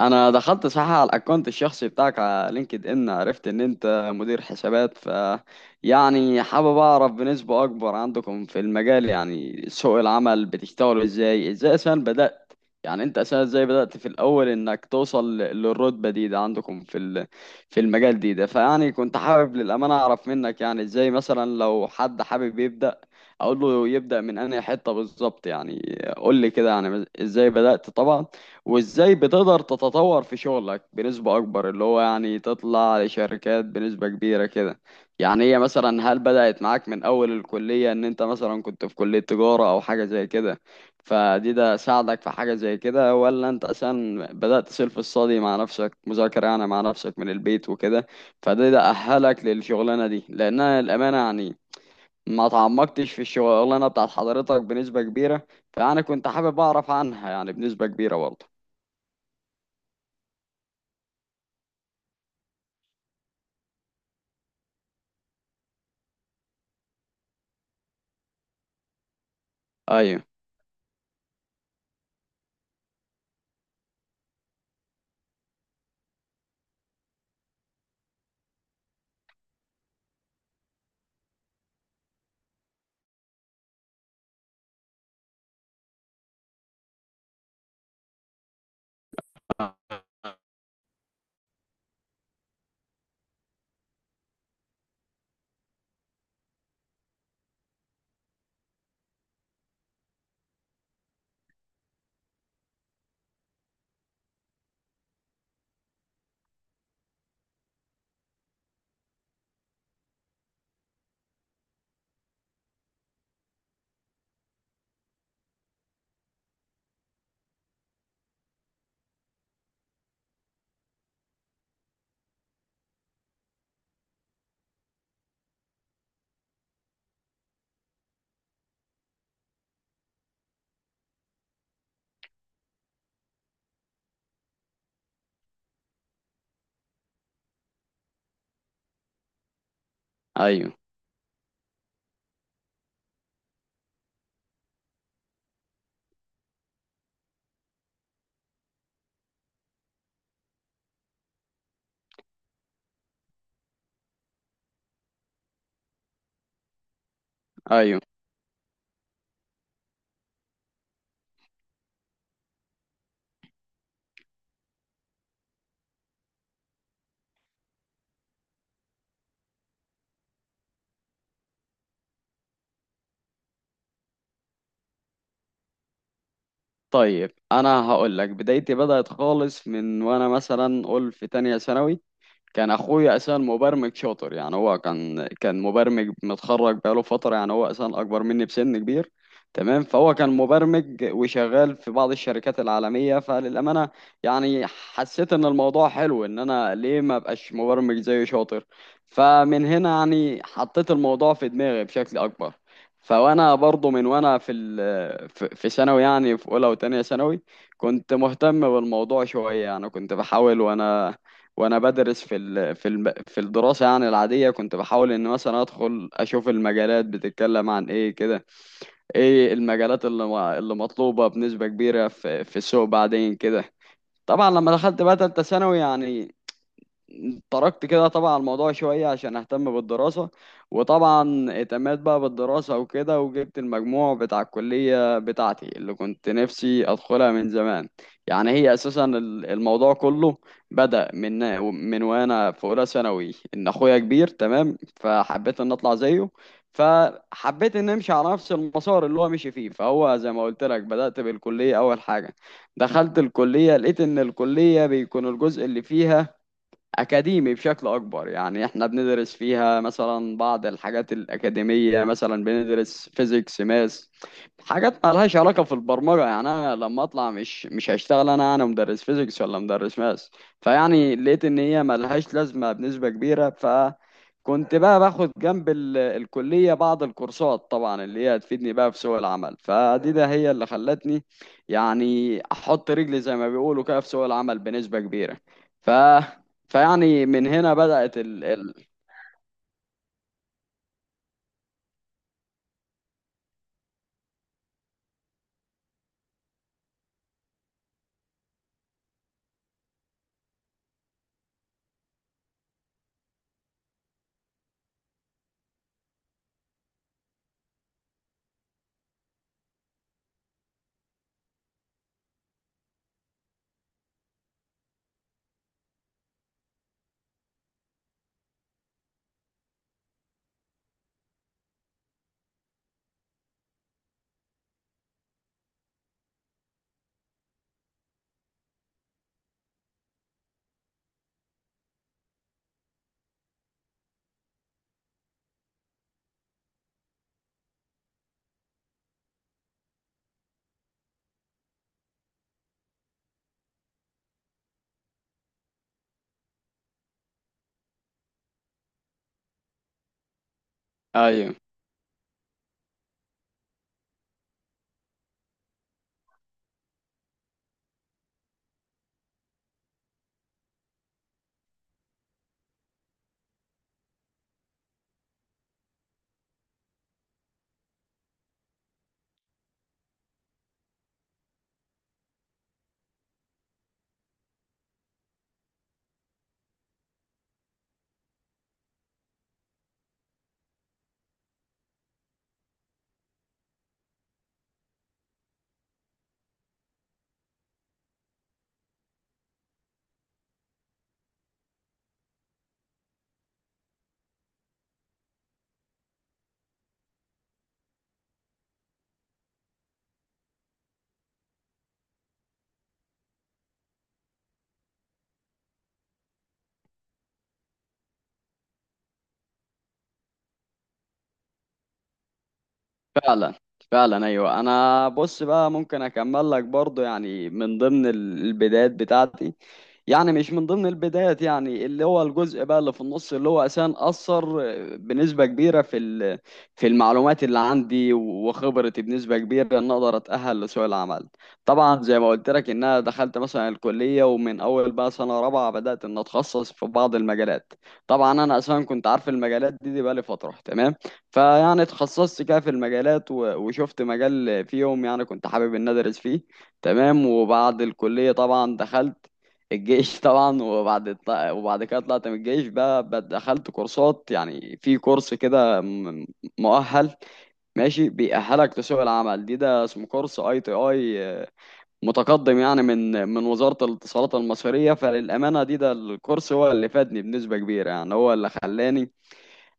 انا دخلت صح على الاكونت الشخصي بتاعك على لينكد ان، عرفت ان انت مدير حسابات، ف يعني حابب اعرف بنسبة اكبر عندكم في المجال، يعني سوق العمل بتشتغلوا ازاي، ازاي اساسا بدأت في الاول انك توصل للرتبة دي، ده عندكم في المجال، دي ده فيعني كنت حابب للأمانة اعرف منك يعني ازاي مثلا لو حد حابب يبدأ اقول له يبدأ من انهي حتة بالظبط. يعني قول لي كده يعني ازاي بدأت طبعا، وازاي بتقدر تتطور في شغلك بنسبة اكبر، اللي هو يعني تطلع لشركات بنسبة كبيرة كده. يعني هي مثلا، هل بدأت معاك من اول الكلية، ان انت مثلا كنت في كلية تجارة او حاجة زي كده، فدي ده ساعدك في حاجة زي كده، ولا انت اصلا بدأت سيلف الصادي مع نفسك، مذاكرة يعني مع نفسك من البيت وكده، فده ده اهلك للشغلانة دي؟ لانها الامانة يعني ما تعمقتش في الشغلانة بتاعت حضرتك بنسبة كبيرة، فأنا كنت حابب أعرف عنها يعني بنسبة كبيرة برضه. ايوه. ايوه. ايوه. طيب انا هقول لك بدايتي، بدأت خالص من وانا مثلا قول في تانية ثانوي. كان اخويا اساسا مبرمج شاطر، يعني هو كان مبرمج متخرج بقاله فتره، يعني هو اساسا اكبر مني بسن كبير، تمام؟ فهو كان مبرمج وشغال في بعض الشركات العالميه، فللامانه يعني حسيت ان الموضوع حلو، ان انا ليه ما ابقاش مبرمج زيه شاطر. فمن هنا يعني حطيت الموضوع في دماغي بشكل اكبر. فوانا برضو من وانا في ثانوي، يعني في اولى وتانية ثانوي كنت مهتم بالموضوع شويه، يعني كنت بحاول، وانا بدرس في الدراسه يعني العاديه، كنت بحاول ان مثلا ادخل اشوف المجالات بتتكلم عن ايه كده، ايه المجالات اللي مطلوبه بنسبه كبيره في السوق بعدين كده. طبعا لما دخلت بقى تالتة ثانوي، يعني تركت كده طبعا الموضوع شوية عشان أهتم بالدراسة، وطبعا اهتميت بقى بالدراسة وكده، وجبت المجموع بتاع الكلية بتاعتي اللي كنت نفسي أدخلها من زمان. يعني هي أساسا الموضوع كله بدأ من وأنا في أولى ثانوي، إن أخويا كبير، تمام؟ فحبيت إن أطلع زيه، فحبيت إن أمشي على نفس المسار اللي هو مشي فيه. فهو زي ما قلت لك، بدأت بالكلية أول حاجة. دخلت الكلية لقيت إن الكلية بيكون الجزء اللي فيها أكاديمي بشكل أكبر، يعني إحنا بندرس فيها مثلا بعض الحاجات الأكاديمية، مثلا بندرس فيزيكس ماس، حاجات مالهاش علاقة في البرمجة، يعني أنا لما أطلع مش هشتغل. أنا مدرس فيزيكس ولا مدرس ماس؟ فيعني لقيت إن هي مالهاش لازمة بنسبة كبيرة. فكنت بقى باخد جنب الكلية بعض الكورسات، طبعا اللي هي هتفيدني بقى في سوق العمل. فدي ده هي اللي خلتني يعني أحط رجلي زي ما بيقولوا كده في سوق العمل بنسبة كبيرة. ف فيعني من هنا بدأت ايوه. فعلا. فعلا، ايوه. انا بص بقى، ممكن اكمل لك برضو يعني من ضمن البدايات بتاعتي. يعني مش من ضمن البدايات، يعني اللي هو الجزء بقى اللي في النص، اللي هو اساسا اثر بنسبه كبيره في في المعلومات اللي عندي وخبرتي بنسبه كبيره، ان اقدر اتاهل لسوق العمل. طبعا زي ما قلت لك ان انا دخلت مثلا الكليه، ومن اول بقى سنه رابعه بدات ان اتخصص في بعض المجالات. طبعا انا اساسا كنت عارف المجالات دي, بقى لي فتره، تمام؟ فيعني اتخصصت كده في المجالات، وشفت مجال فيهم يعني كنت حابب ان ادرس فيه، تمام. وبعد الكليه طبعا دخلت الجيش طبعا، وبعد كده طلعت من الجيش، بقى دخلت كورسات، يعني في كورس كده مؤهل، ماشي، بيأهلك لسوق العمل. دي ده اسمه كورس اي تي اي متقدم، يعني من وزارة الاتصالات المصرية. فللأمانة دي ده الكورس هو اللي فادني بنسبة كبيرة، يعني هو اللي خلاني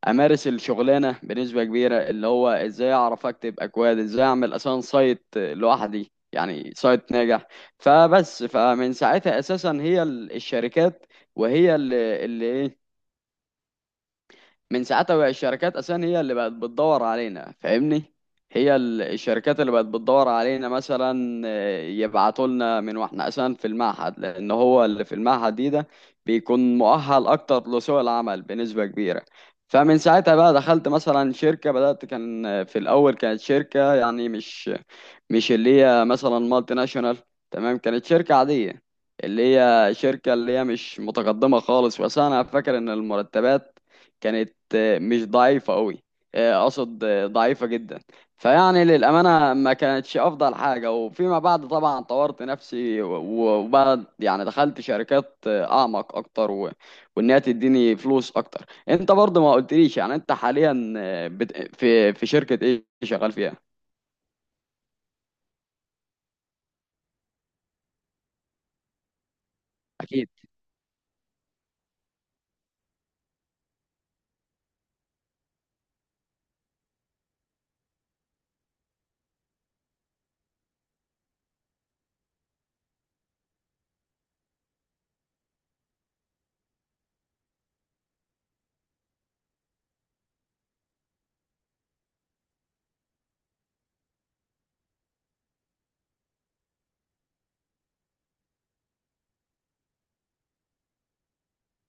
امارس الشغلانه بنسبه كبيره، اللي هو ازاي اعرف اكتب اكواد، ازاي اعمل اصلا سايت لوحدي، يعني سايت ناجح. فبس، فمن ساعتها اساسا هي ال- الشركات وهي اللي اللي إيه، من ساعتها بقى الشركات اساسا هي اللي بقت بتدور علينا، فاهمني؟ هي الشركات اللي بقت بتدور علينا، مثلا يبعتوا لنا من واحنا اساسا في المعهد، لان هو اللي في المعهد دي ده بيكون مؤهل اكتر لسوق العمل بنسبة كبيرة. فمن ساعتها بقى دخلت مثلا شركة، بدأت كان في الأول كانت شركة يعني مش اللي هي مثلا مالتي ناشونال، تمام؟ كانت شركة عادية، اللي هي شركة اللي هي مش متقدمة خالص. بس أنا فاكر إن المرتبات كانت مش ضعيفة قوي، اقصد ضعيفة جدا. فيعني للأمانة ما كانتش أفضل حاجة. وفيما بعد طبعا طورت نفسي وبعد يعني دخلت شركات أعمق أكتر، وإنها تديني فلوس أكتر. أنت برضه ما قلتليش يعني أنت حاليا آه، بت... في في شركة إيه شغال فيها؟ أكيد.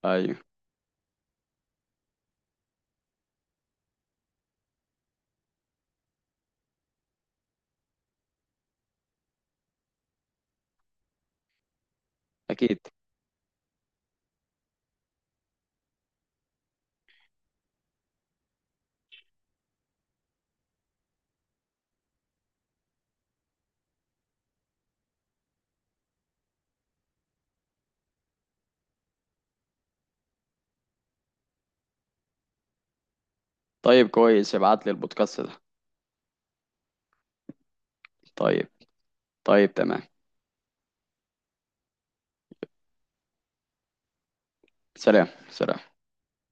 أيوه. أكيد. طيب كويس، ابعت لي البودكاست ده. طيب. طيب تمام. سلام سلام.